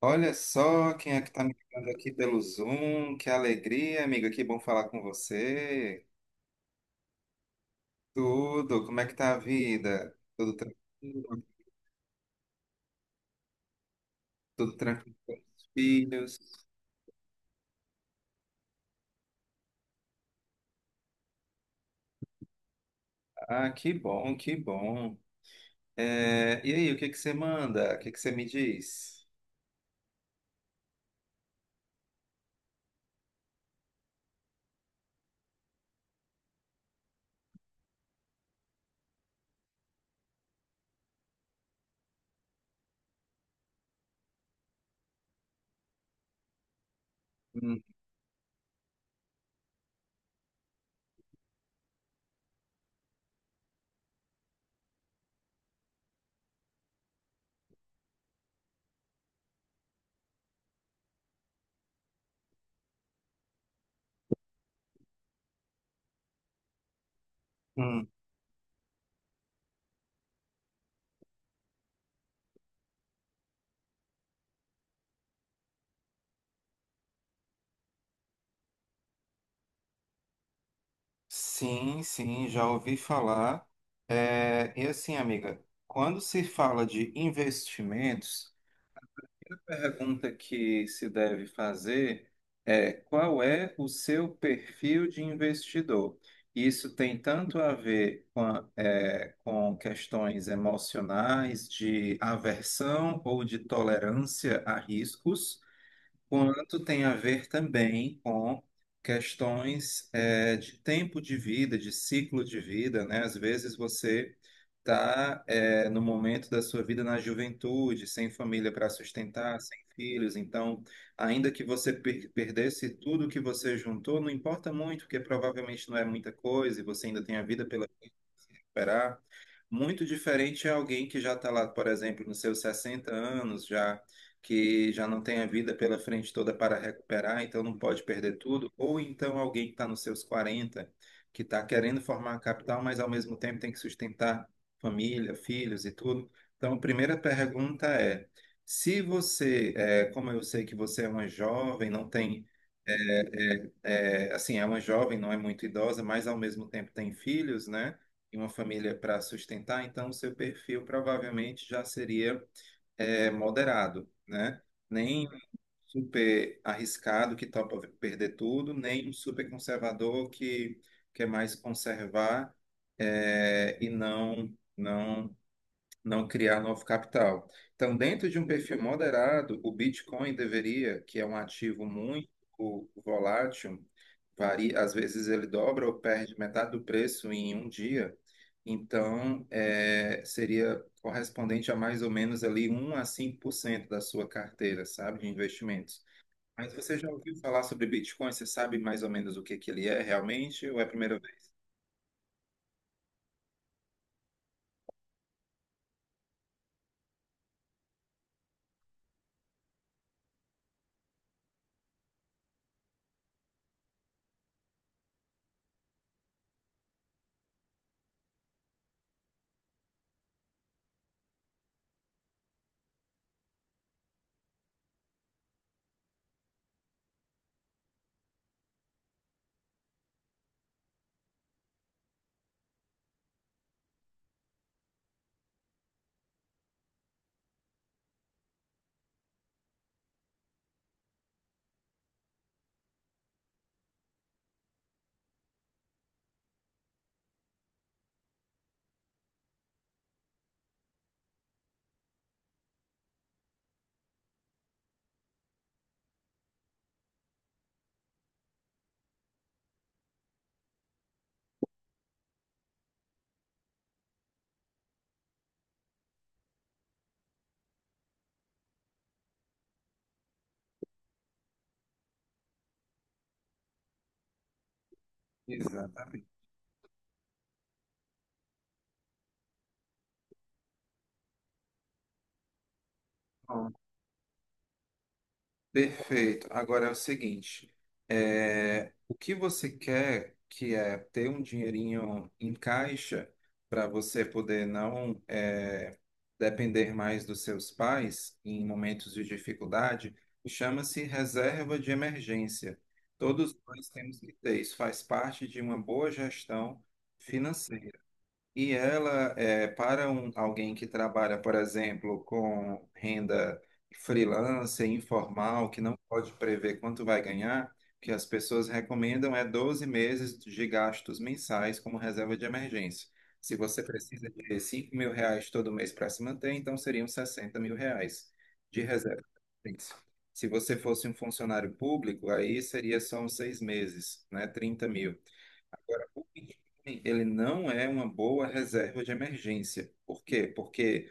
Olha só quem é que está me ligando aqui pelo Zoom. Que alegria, amiga. Que bom falar com você. Tudo, como é que tá a vida? Tudo tranquilo? Tudo tranquilo com os filhos? Ah, que bom, que bom. É, e aí, o que que você manda? O que que você me diz? Hum, hum. Sim, sim, já ouvi falar. É, e assim, amiga, quando se fala de investimentos, pergunta que se deve fazer é qual é o seu perfil de investidor? Isso tem tanto a ver com, com questões emocionais, de aversão ou de tolerância a riscos, quanto tem a ver também com questões de tempo de vida, de ciclo de vida, né? Às vezes você está no momento da sua vida na juventude, sem família para sustentar, sem filhos, então, ainda que você perdesse tudo que você juntou, não importa muito, porque provavelmente não é muita coisa e você ainda tem a vida pela recuperar. Muito diferente é alguém que já está lá, por exemplo, nos seus 60 anos, já que já não tem a vida pela frente toda para recuperar, então não pode perder tudo. Ou então alguém que está nos seus 40 que está querendo formar a capital, mas ao mesmo tempo tem que sustentar família, filhos e tudo. Então, a primeira pergunta é: se você, como eu sei que você é uma jovem, não tem é, assim, é uma jovem, não é muito idosa, mas ao mesmo tempo tem filhos, né? E uma família para sustentar, então o seu perfil provavelmente já seria moderado, né? Nem um super arriscado que topa perder tudo, nem um super conservador que quer mais conservar é, e não criar novo capital. Então, dentro de um perfil moderado, o Bitcoin deveria, que é um ativo muito volátil, varia, às vezes ele dobra ou perde metade do preço em um dia. Então, é, seria correspondente a mais ou menos ali 1 a 5% da sua carteira, sabe, de investimentos. Mas você já ouviu falar sobre Bitcoin? Você sabe mais ou menos o que que ele é realmente ou é a primeira vez? Exatamente. Perfeito. Agora é o seguinte, o que você quer que é ter um dinheirinho em caixa para você poder não é, depender mais dos seus pais em momentos de dificuldade, chama-se reserva de emergência. Todos nós temos que ter isso, faz parte de uma boa gestão financeira. E ela, é, para um, alguém que trabalha, por exemplo, com renda freelancer, informal, que não pode prever quanto vai ganhar, o que as pessoas recomendam é 12 meses de gastos mensais como reserva de emergência. Se você precisa de 5 mil reais todo mês para se manter, então seriam 60 mil reais de reserva de emergência. Se você fosse um funcionário público, aí seria só uns 6 meses, né? 30 mil. Agora, o Bitcoin, ele não é uma boa reserva de emergência. Por quê? Porque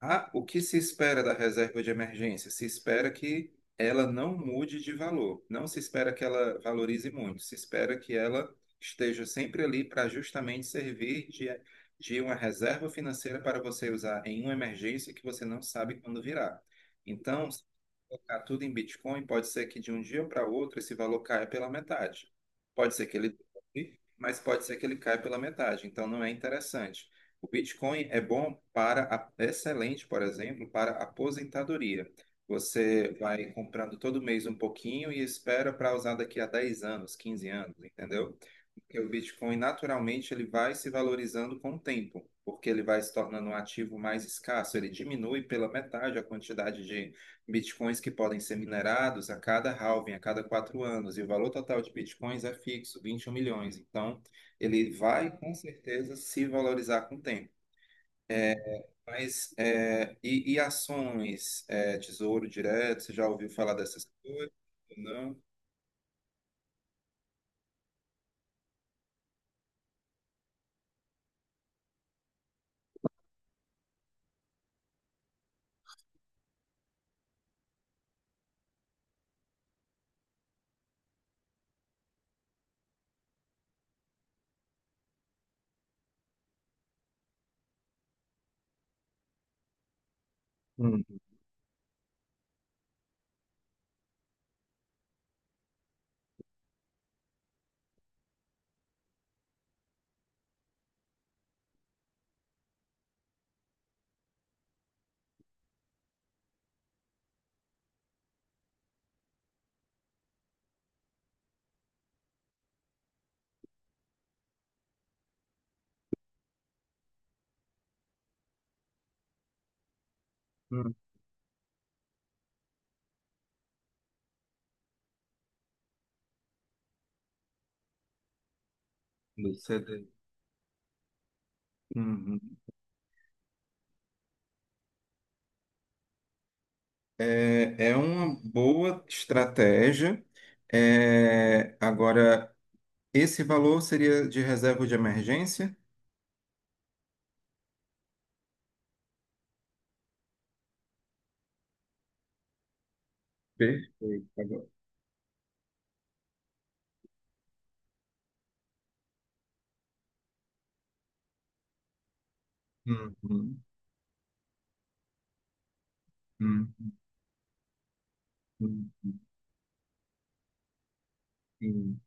ah, o que se espera da reserva de emergência? Se espera que ela não mude de valor, não se espera que ela valorize muito, se espera que ela esteja sempre ali para justamente servir de uma reserva financeira para você usar em uma emergência que você não sabe quando virá. Então, se colocar tudo em Bitcoin, pode ser que de um dia para outro esse valor caia pela metade. Pode ser que ele dobre, mas pode ser que ele caia pela metade, então não é interessante. O Bitcoin é bom para, é excelente, por exemplo, para a aposentadoria. Você vai comprando todo mês um pouquinho e espera para usar daqui a 10 anos, 15 anos, entendeu? Porque o Bitcoin, naturalmente, ele vai se valorizando com o tempo, porque ele vai se tornando um ativo mais escasso. Ele diminui pela metade a quantidade de Bitcoins que podem ser minerados a cada halving, a cada 4 anos. E o valor total de Bitcoins é fixo, 21 milhões. Então, ele vai, com certeza, se valorizar com o tempo. Mas, é, e ações, é, Tesouro Direto, você já ouviu falar dessas coisas? Ou não? Uhum, uhum, do CD. Uhum. É, é uma boa estratégia. É, agora, esse valor seria de reserva de emergência? Perfeito. Agora. Uhum, uhum, uhum.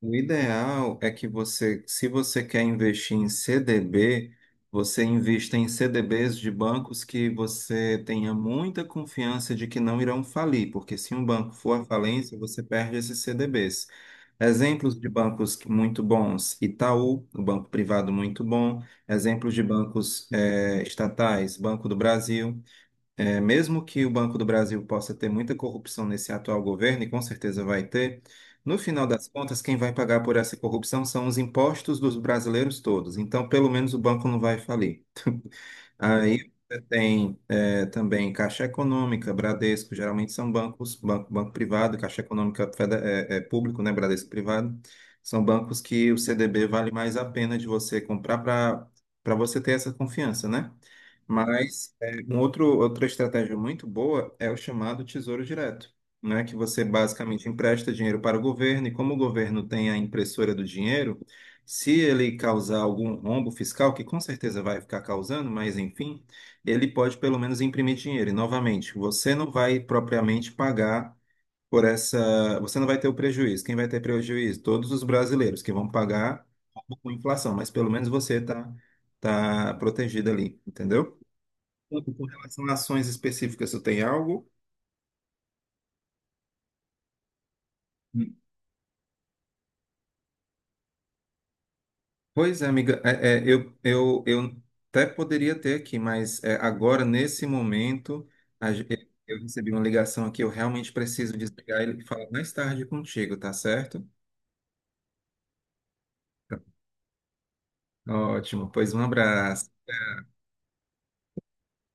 O ideal é que você, se você quer investir em CDB, você invista em CDBs de bancos que você tenha muita confiança de que não irão falir, porque se um banco for à falência, você perde esses CDBs. Exemplos de muito bons: Itaú, um banco privado muito bom. Exemplos de bancos estatais: Banco do Brasil. É, mesmo que o Banco do Brasil possa ter muita corrupção nesse atual governo, e com certeza vai ter, no final das contas, quem vai pagar por essa corrupção são os impostos dos brasileiros todos. Então, pelo menos o banco não vai falir. Aí você tem também Caixa Econômica, Bradesco, geralmente são bancos, banco privado, Caixa Econômica é público, né? Bradesco privado. São bancos que o CDB vale mais a pena de você comprar para para você ter essa confiança, né? Mas um outro, outra estratégia muito boa é o chamado Tesouro Direto, né? Que você basicamente empresta dinheiro para o governo e como o governo tem a impressora do dinheiro, se ele causar algum rombo fiscal, que com certeza vai ficar causando, mas enfim, ele pode pelo menos imprimir dinheiro. E novamente, você não vai propriamente pagar por essa. Você não vai ter o prejuízo. Quem vai ter prejuízo? Todos os brasileiros que vão pagar com inflação, mas pelo menos você está tá protegido ali, entendeu? Com relação a ações específicas, tu tem algo? Pois é, amiga, eu até poderia ter aqui, mas agora, nesse momento, a ge- eu recebi uma ligação aqui, eu realmente preciso desligar ele e falar mais tarde contigo, tá certo? Ótimo, pois um abraço.